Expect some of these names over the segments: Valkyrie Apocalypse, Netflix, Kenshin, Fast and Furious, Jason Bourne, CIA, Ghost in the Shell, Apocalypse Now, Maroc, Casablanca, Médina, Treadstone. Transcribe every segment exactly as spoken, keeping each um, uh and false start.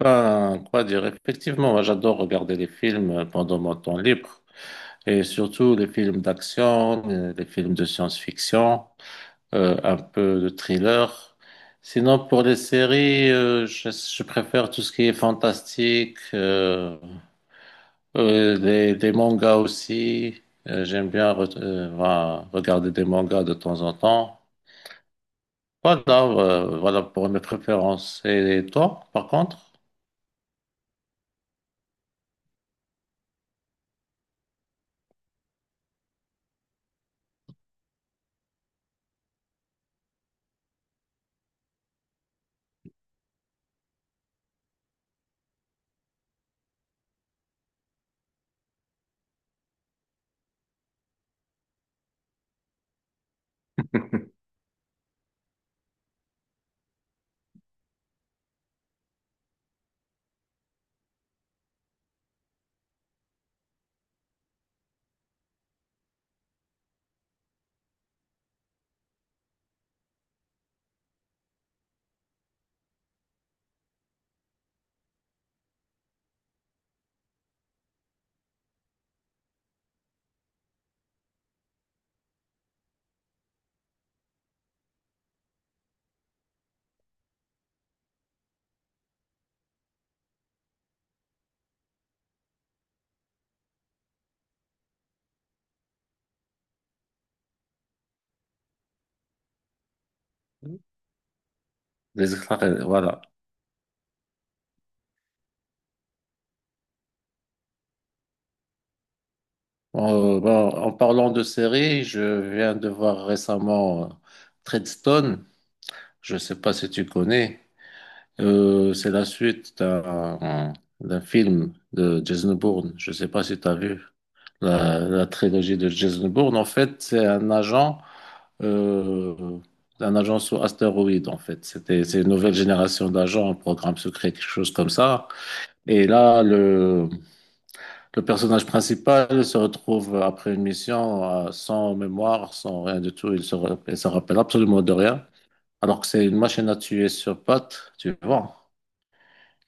Ben, quoi dire? Effectivement, moi, j'adore regarder les films pendant mon temps libre et surtout les films d'action, euh, les films de science-fiction, euh, un peu de thriller. Sinon, pour les séries, euh, je, je préfère tout ce qui est fantastique, euh, euh, les, les mangas aussi. Euh, j'aime bien re- euh, voilà, regarder des mangas de temps en temps. Voilà, euh, voilà pour mes préférences. Et toi, par contre, les extraterrestres, voilà. Euh, bon, en parlant de séries, je viens de voir récemment euh, Treadstone. Je ne sais pas si tu connais. Euh, c'est la suite d'un d'un film de Jason Bourne. Je ne sais pas si tu as vu la, la trilogie de Jason Bourne. En fait, c'est un agent, euh, un agent sous astéroïde. En fait, c'était c'est une nouvelle génération d'agents, un programme secret, quelque chose comme ça. Et là, le le personnage principal se retrouve après une mission euh, sans mémoire, sans rien du tout. Il se, ra- il se rappelle absolument de rien. Alors que c'est une machine à tuer sur pattes, tu vois.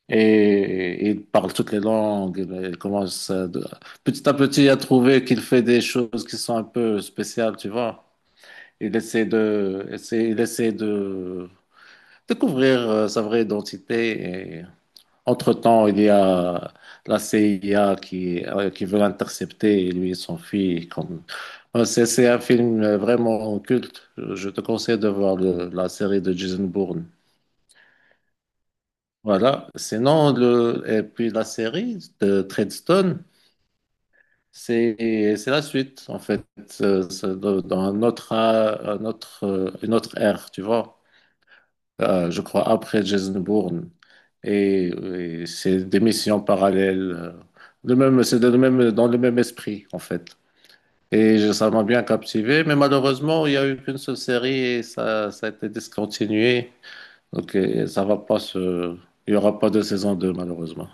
Et il parle toutes les langues. Il il commence euh, de- petit à petit à trouver qu'il fait des choses qui sont un peu spéciales, tu vois. Il essaie de, essaie- il essaie de découvrir euh, sa vraie identité. Entre-temps, il y a la C I A qui, euh, qui veut l'intercepter, et lui et son fils. comme- Euh, C'est c'est un film euh, vraiment culte. Je te conseille de voir le- la série de Jason Bourne. Voilà. Sinon, le, et puis la série de Treadstone, c'est c'est la suite, en fait. C'est- c'est dans un autre, euh, un autre, euh, une autre ère, tu vois. Euh, je crois, après Jason Bourne. Et, et c'est des missions parallèles. euh, Le même, c'est de- même, dans le même esprit, en fait. Et je- ça m'a bien captivé, mais malheureusement, il n'y a eu qu'une seule série et ça, ça a été discontinué. Donc, euh, ça va pas se... Il n'y aura pas de saison deux malheureusement.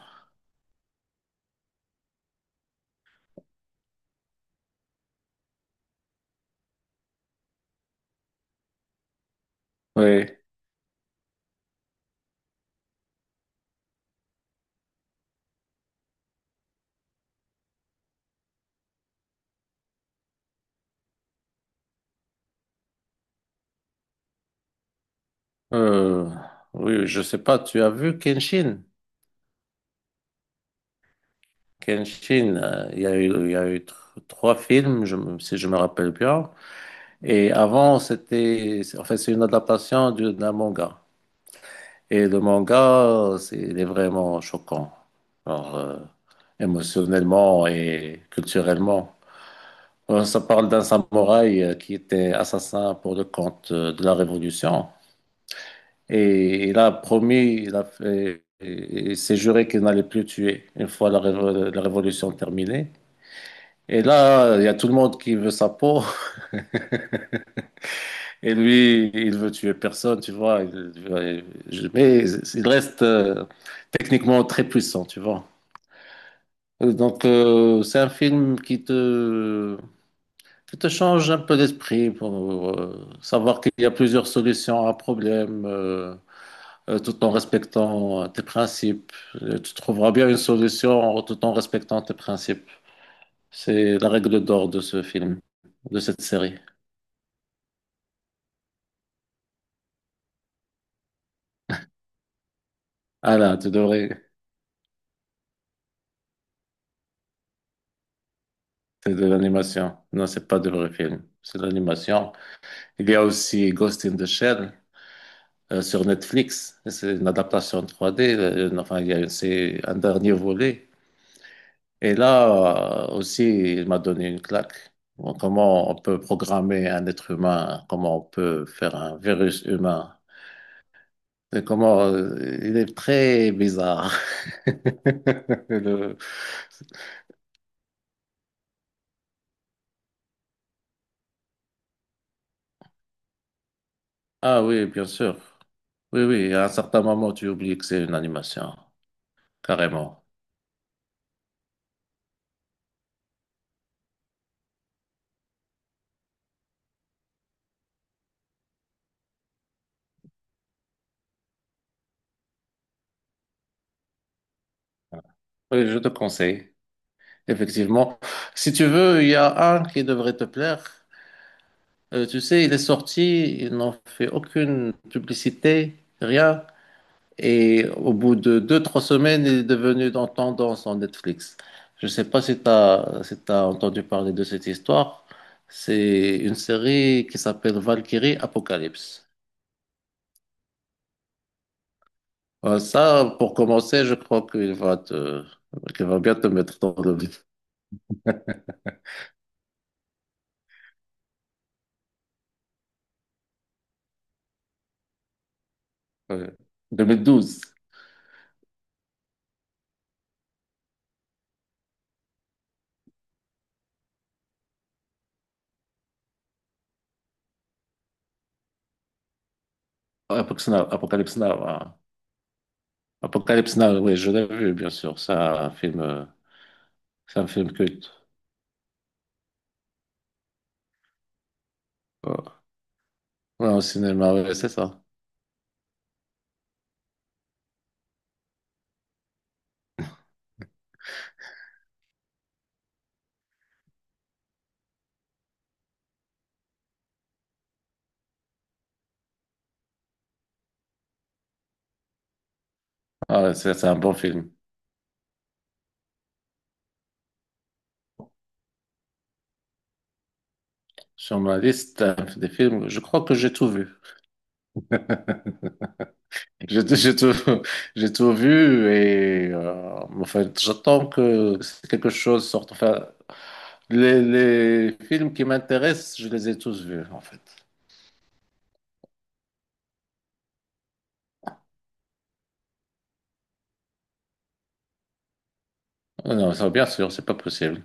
Oui. Euh, oui, je sais pas, tu as vu Kenshin? Kenshin, euh, il y a eu, il y a eu tr- trois films, je me- si je me rappelle bien. Et avant, c'était, c'est- en fait, c'est une adaptation du- d'un manga. Et le manga, c'est, il est vraiment choquant. Alors, euh, émotionnellement et culturellement. Euh, Ça parle d'un samouraï euh, qui était assassin pour le compte euh, de la Révolution. Et il a promis, il a fait, et- il s'est juré qu'il n'allait plus tuer une fois la, révo- la Révolution terminée. Et là, il y a tout le monde qui veut sa peau. Et lui, il veut tuer personne, tu vois. Il- il- il- mais il reste euh, techniquement très puissant, tu vois. Euh, Donc, euh, c'est un film qui te, qui te change un peu d'esprit pour euh, savoir qu'il y a plusieurs solutions à un problème, euh, euh, tout en respectant euh, tes principes. Euh, Tu trouveras bien une solution tout en respectant tes principes. C'est la règle d'or de ce film, de cette série. Ah là, tu devrais. C'est de l'animation. Non, c'est pas de vrai film. C'est de l'animation. Il y a aussi Ghost in the Shell euh, sur Netflix. C'est une adaptation trois D. Euh, enfin, il y a une- c'est un dernier volet. Et là euh, aussi, il m'a donné une claque. Bon, comment on peut programmer un être humain? Comment on peut faire un virus humain? Et comment euh, il est très bizarre. Le- Ah oui, bien sûr. Oui, oui. À un certain moment, tu oublies que c'est une animation. Carrément. Oui, je te conseille, effectivement. Si tu veux, il y a un qui devrait te plaire. Euh, tu sais, il est sorti, ils n'ont fait aucune publicité, rien. Et au bout de deux, trois semaines, il est devenu dans tendance en Netflix. Je ne sais pas si tu as, si tu entendu parler de cette histoire. C'est une série qui s'appelle Valkyrie Apocalypse. Euh, Ça, pour commencer, je crois qu'il va te, qu'il va bien te mettre dans le vif. Euh, deux mille douze, Apocalypse Now, Apocalypse Now, hein. Apocalypse Now, oui, je l'ai vu, bien sûr. C'est un film, euh, c'est un film culte. Ouais, ouais, au cinéma, ouais, c'est ça. Ah, ouais, c'est c'est un bon film. Sur ma liste euh, des films, je crois que j'ai tout vu. J'ai tout, j'ai tout, j'ai tout vu et euh, en fait, j'attends que quelque chose sorte. Enfin, les, les films qui m'intéressent, je les ai tous vus en fait. Ah non, ça, bien sûr, c'est pas possible.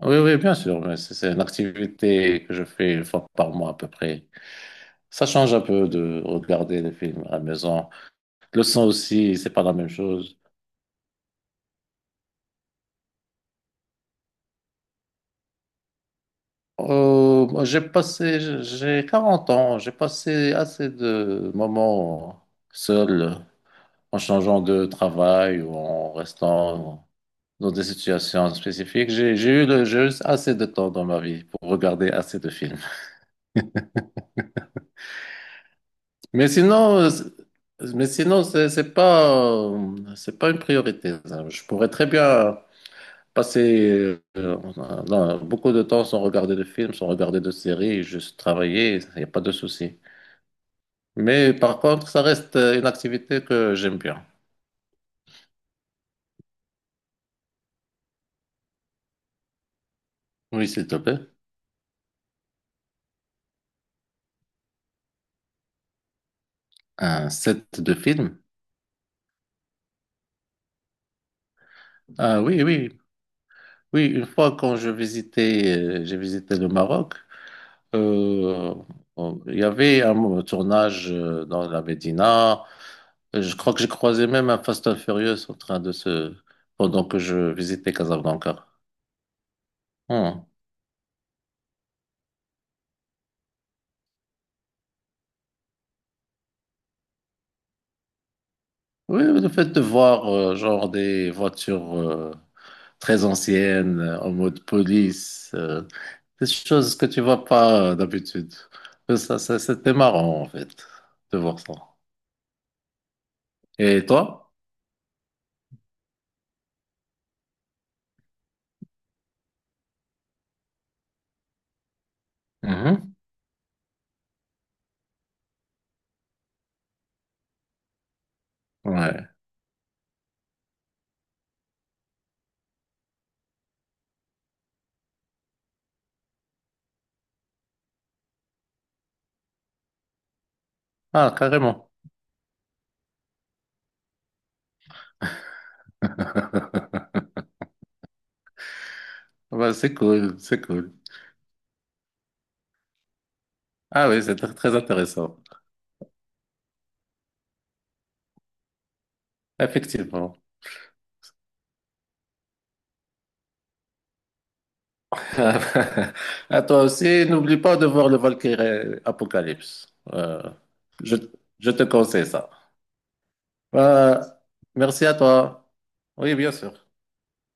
Oui, oui, bien sûr, mais c'est c'est une activité que je fais une fois par mois à peu près. Ça change un peu de regarder les films à la maison. Le son aussi, c'est pas la même chose. Euh, moi, j'ai passé, j'ai quarante ans, j'ai passé assez de moments seul en changeant de travail ou en restant dans des situations spécifiques. J'ai, j'ai eu le, j'ai eu assez de temps dans ma vie pour regarder assez de films. Mais sinon, euh, c'est- mais sinon, c'est, c'est pas, euh, c'est pas une priorité, ça. Je pourrais très bien passer euh, dans- beaucoup de temps sans regarder de films, sans regarder de séries, juste travailler, il n'y a pas de souci. Mais par contre, ça reste euh, une activité que j'aime bien. Oui, s'il te plaît. Un set de films. Ah oui, oui. Oui, une fois quand je visitais, euh, j'ai visité le Maroc, euh, on- il y avait un tournage euh, dans la Médina. Euh, Je crois que j'ai croisé même un Fast and Furious en train de se... pendant que je visitais Casablanca. Hmm. Oui, le fait de voir euh, genre des voitures euh, très anciennes euh, en mode police, euh, des choses que tu vois pas euh, d'habitude. Euh, Ça, ça, c'était marrant en fait de voir ça. Et toi? Ouais. Ah, carrément. Bah, c'est cool, c'est cool. Ah oui, c'est très, très intéressant. Effectivement. À toi aussi, n'oublie pas de voir le Valkyrie Apocalypse. Euh, je, je te conseille ça. Euh, merci à toi. Oui, bien sûr.